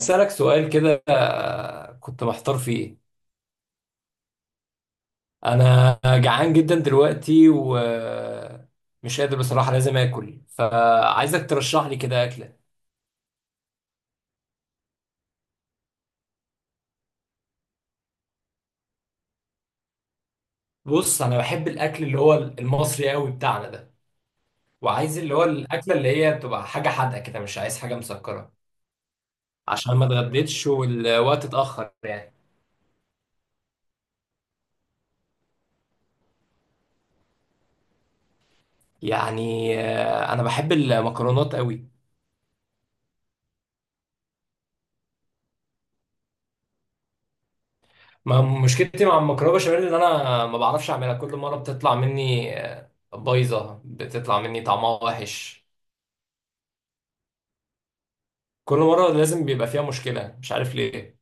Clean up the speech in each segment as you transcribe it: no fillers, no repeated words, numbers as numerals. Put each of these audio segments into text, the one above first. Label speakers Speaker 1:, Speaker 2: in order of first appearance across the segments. Speaker 1: أسألك سؤال كده كنت محتار فيه. أنا جعان جدا دلوقتي ومش قادر بصراحة، لازم آكل فعايزك ترشح لي كده أكلة. بص، أنا بحب الأكل اللي هو المصري قوي بتاعنا ده. وعايز اللي هو الأكلة اللي هي بتبقى حاجة حادقة كده، مش عايز حاجة مسكرة. عشان ما اتغديتش والوقت اتأخر يعني. أنا بحب المكرونات قوي. ما مشكلتي مع المكرونه بشاميل ان انا ما بعرفش اعملها. كل مره بتطلع مني بايظه، بتطلع مني طعمها وحش. كل مره لازم بيبقى فيها مشكله، مش عارف ليه.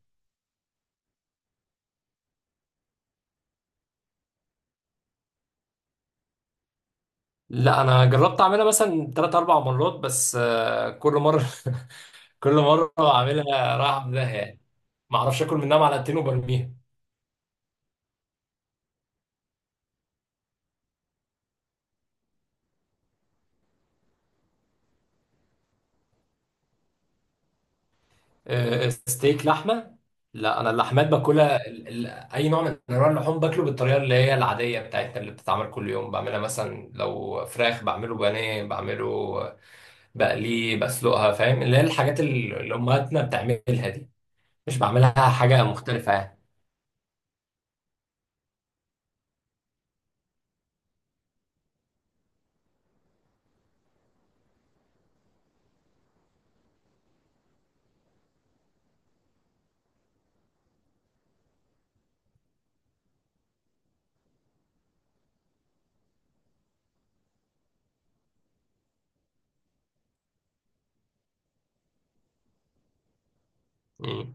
Speaker 1: لا، انا جربت اعملها مثلا 3 4 مرات بس، كل مره كل مره اعملها رايحه في داهيه يعني. ما اعرفش اكل منها معلقتين وبرميها. ستيك لحمه. لا، انا اللحمات باكلها اي نوع من انواع اللحوم باكله بالطريقه اللي هي العاديه بتاعتنا اللي بتتعمل كل يوم. بعملها مثلا لو فراخ، بعمله بانيه، بعمله بقليه، بسلقها. فاهم اللي هي الحاجات اللي امهاتنا بتعملها دي. مش بعملها حاجه مختلفه يعني. مم.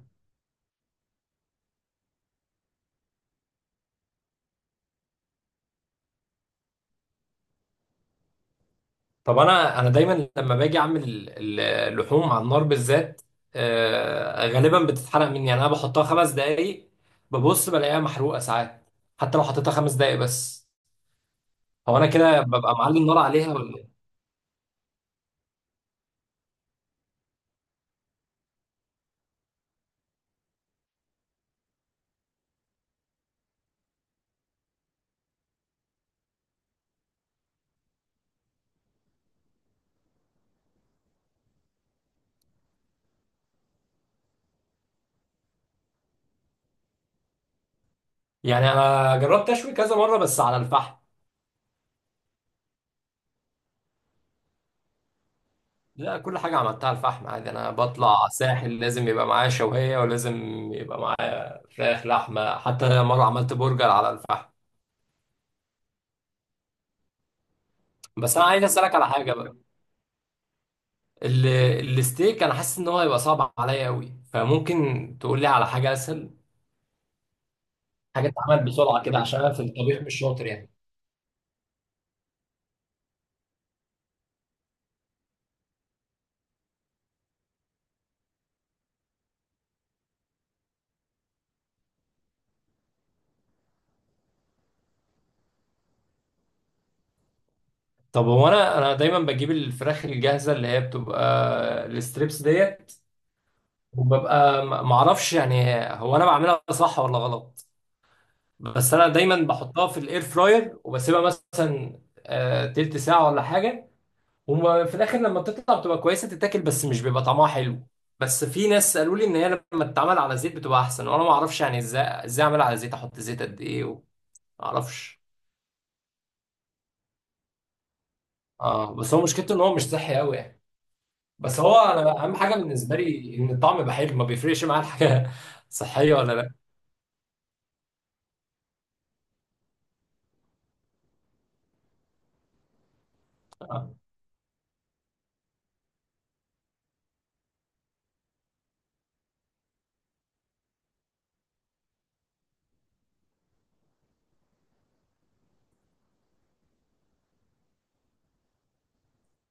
Speaker 1: طب انا دايما لما باجي اعمل اللحوم على النار بالذات، غالبا بتتحرق مني يعني. انا بحطها خمس دقايق ببص بلاقيها محروقه ساعات، حتى لو حطيتها خمس دقايق بس. هو انا كده ببقى معلي النار عليها ولا إيه؟ يعني انا جربت اشوي كذا مره بس على الفحم. لا، كل حاجه عملتها على الفحم عادي. انا بطلع ساحل لازم يبقى معايا شويه، ولازم يبقى معايا فراخ لحمه. حتى مره عملت برجر على الفحم. بس انا عايز اسالك على حاجه بقى. ال- الستيك انا حاسس ان هو هيبقى صعب عليا قوي، فممكن تقول لي على حاجه اسهل، حاجه تتعمل بسرعه كده عشان انا في الطبيخ مش شاطر يعني. طب هو انا دايما بجيب الفراخ الجاهزه اللي هي بتبقى الستريبس ديت، وببقى معرفش يعني هو انا بعملها صح ولا غلط. بس انا دايما بحطها في الاير فراير وبسيبها مثلا تلت ساعه ولا حاجه. وفي الاخر لما بتطلع بتبقى كويسه تتاكل، بس مش بيبقى طعمها حلو. بس في ناس قالوا لي ان هي لما تتعمل على زيت بتبقى احسن، وانا ما اعرفش يعني ازاي اعملها على زيت، احط زيت قد ايه وما اعرفش. اه، بس هو مشكلته ان هو مش صحي قوي يعني. بس هو انا اهم حاجه بالنسبه لي ان الطعم يبقى حلو، ما بيفرقش معايا الحاجه صحيه ولا لا.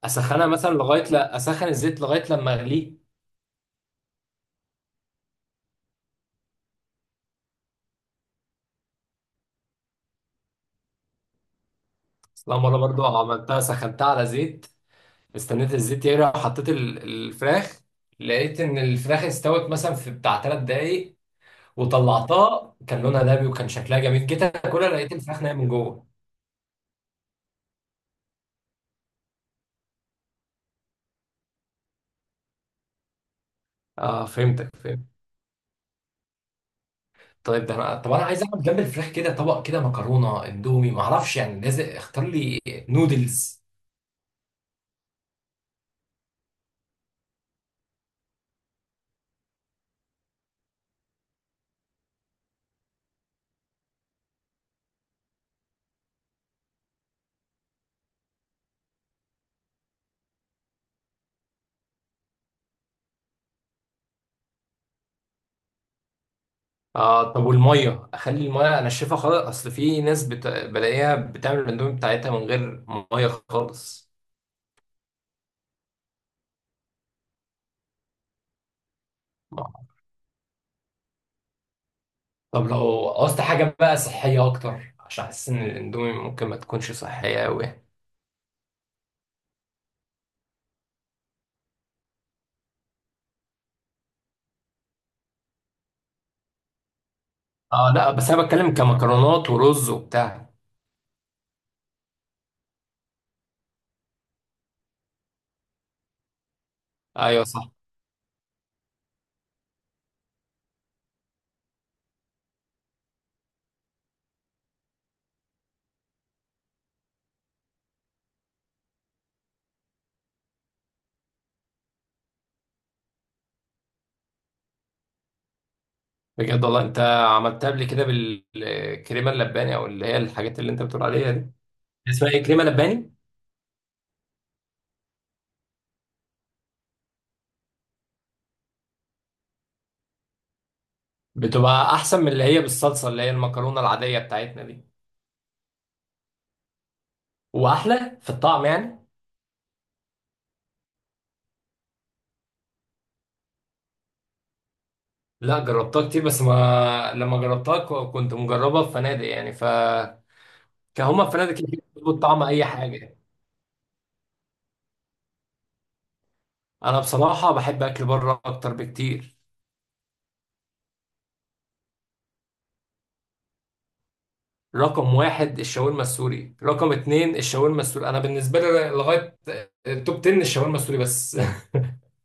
Speaker 1: اسخنها مثلا لغايه، لا، اسخن الزيت لغايه لما اغليه. أصل أنا مره برضو عملتها، سخنتها على زيت، استنيت الزيت يغلي وحطيت الفراخ، لقيت ان الفراخ استوت مثلا في بتاع ثلاث دقايق وطلعتها. كان لونها دهبي وكان شكلها جميل، جيت اكلها لقيت الفراخ نايم من جوه. اه، فهمتك فهمت. طيب. ده انا طب انا عايز اعمل جنب الفراخ كده طبق كده، مكرونه اندومي، معرفش يعني لازم اختار لي نودلز. اه، طب والميه اخلي الميه انشفها خالص، اصل في ناس بلاقيها بتعمل الاندومي بتاعتها من غير ميه خالص. طب لو قصت حاجه بقى صحيه اكتر، عشان احس ان الاندومي ممكن ما تكونش صحيه قوي. اه، لا بس انا بتكلم كمكرونات ورز وبتاع. ايوه صح. بجد والله، انت عملتها قبل كده بالكريمه اللباني او اللي هي الحاجات اللي انت بتقول عليها دي؟ اسمها ايه؟ كريمه لباني؟ بتبقى احسن من اللي هي بالصلصه اللي هي المكرونه العاديه بتاعتنا دي؟ واحلى في الطعم يعني؟ لا، جربتها كتير بس ما لما جربتها كنت مجربها في فنادق يعني، كهما في فنادق كتير بتظبط طعم اي حاجه. انا بصراحه بحب اكل بره اكتر بكتير. رقم واحد الشاورما السوري، رقم اتنين الشاورما السوري، انا بالنسبه لي لغايه التوب 10 الشاورما السوري بس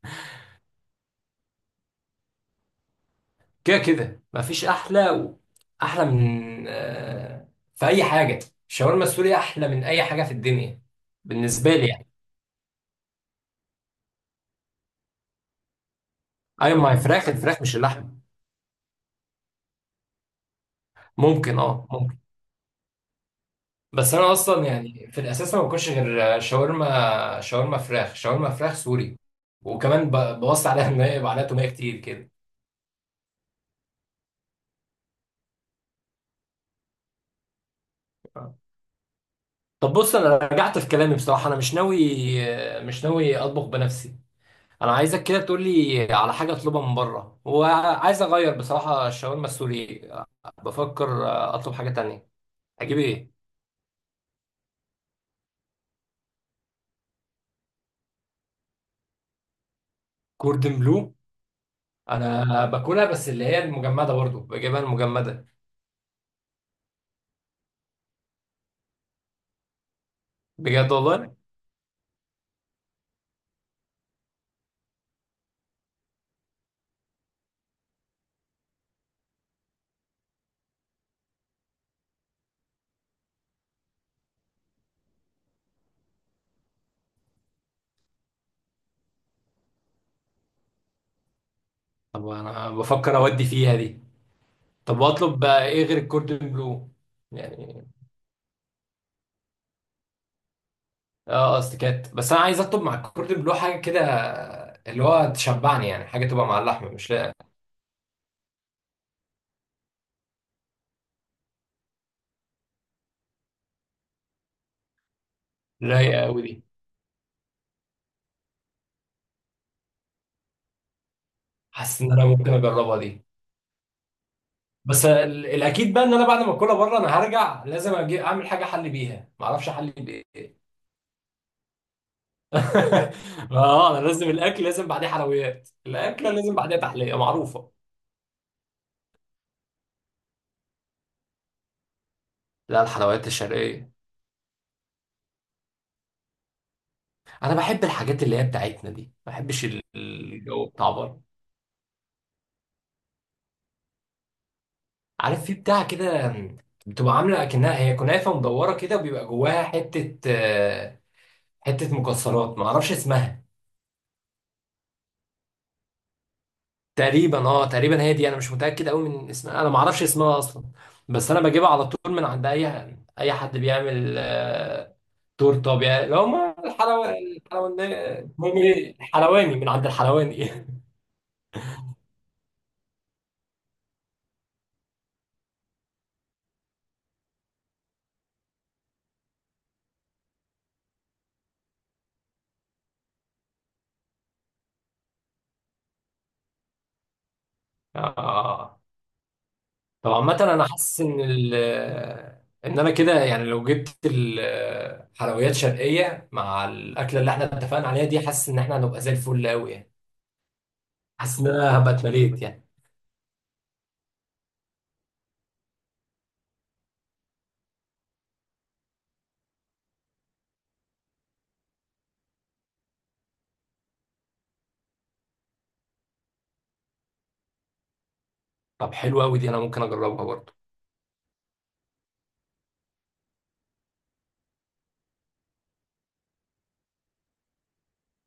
Speaker 1: كده كده مفيش احلى احلى من في اي حاجه. الشاورما السوري احلى من اي حاجه في الدنيا، بالنسبه لي يعني. ايوه، ما هي فراخ الفراخ مش اللحم. ممكن اه. بس انا اصلا يعني في الاساس ما باكلش غير شاورما، شاورما فراخ، شاورما فراخ سوري. وكمان بوصي عليها ان هي يبقى عليها توميه كتير كده. طب بص، انا رجعت في كلامي بصراحه. انا مش ناوي اطبخ بنفسي. انا عايزك كده تقول لي على حاجه اطلبها من بره، وعايز اغير بصراحه الشاورما السوري. بفكر اطلب حاجه تانية، اجيب ايه؟ كوردن بلو؟ انا باكلها بس اللي هي المجمده، برضو بجيبها المجمده. بجد والله؟ طب انا بفكر اودي فيها دي. طب واطلب بقى ايه غير الكوردن بلو؟ يعني اه، قصدي كات، بس انا عايز اطلب مع الكوردن بلو حاجه كده اللي هو تشبعني يعني، حاجه تبقى مع اللحمه مش لايقه. لايقه قوي دي، حاسس ان انا ممكن اجربها دي. بس الاكيد بقى ان انا بعد ما اكلها بره انا هرجع لازم اجي اعمل حاجه احلي بيها، ما اعرفش احلي بايه. اه، انا لازم الاكل لازم بعديه حلويات. الاكله لازم بعديها تحليه معروفه. لا، الحلويات الشرقيه. انا بحب الحاجات اللي هي بتاعتنا دي، ما بحبش الجو بتاع بره. عارف في بتاع كده، بتبقى عامله اكنها هي كنافه مدوره كده، وبيبقى جواها حته حته مكسرات، ما اعرفش اسمها. تقريبا اه تقريبا، هي دي. انا مش متاكد قوي من اسمها، انا ما اعرفش اسمها اصلا. بس انا بجيبها على طول من عند اي حد بيعمل تورته، اللي هم الحلواني، الحلواني. المهم إيه؟ الحلواني من عند الحلواني اه طب، عامة أنا حاسس إن إن أنا كده يعني، لو جبت الحلويات شرقية مع الأكلة اللي إحنا اتفقنا عليها دي، حاسس إن إحنا هنبقى زي الفل أوي يعني. حاسس إن أنا هبقى اتمليت يعني. طب حلو أوي دي، أنا ممكن أجربها برضه.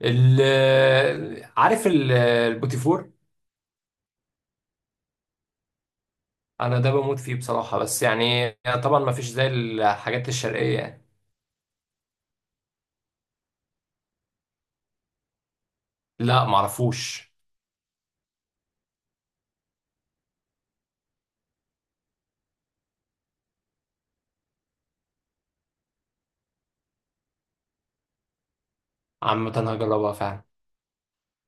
Speaker 1: عارف البوتيفور؟ أنا ده بموت فيه بصراحة، بس يعني طبعا ما فيش زي الحاجات الشرقية يعني. لا، معرفوش. عامة هجربها فعلا.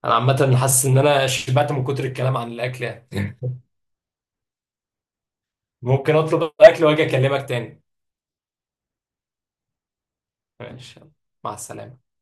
Speaker 1: أنا عامة حاسس إن أنا شبعت من كتر الكلام عن الأكل يعني. ممكن اطلب اكل واجي اكلمك تاني. ماشي، يلا، مع السلامة.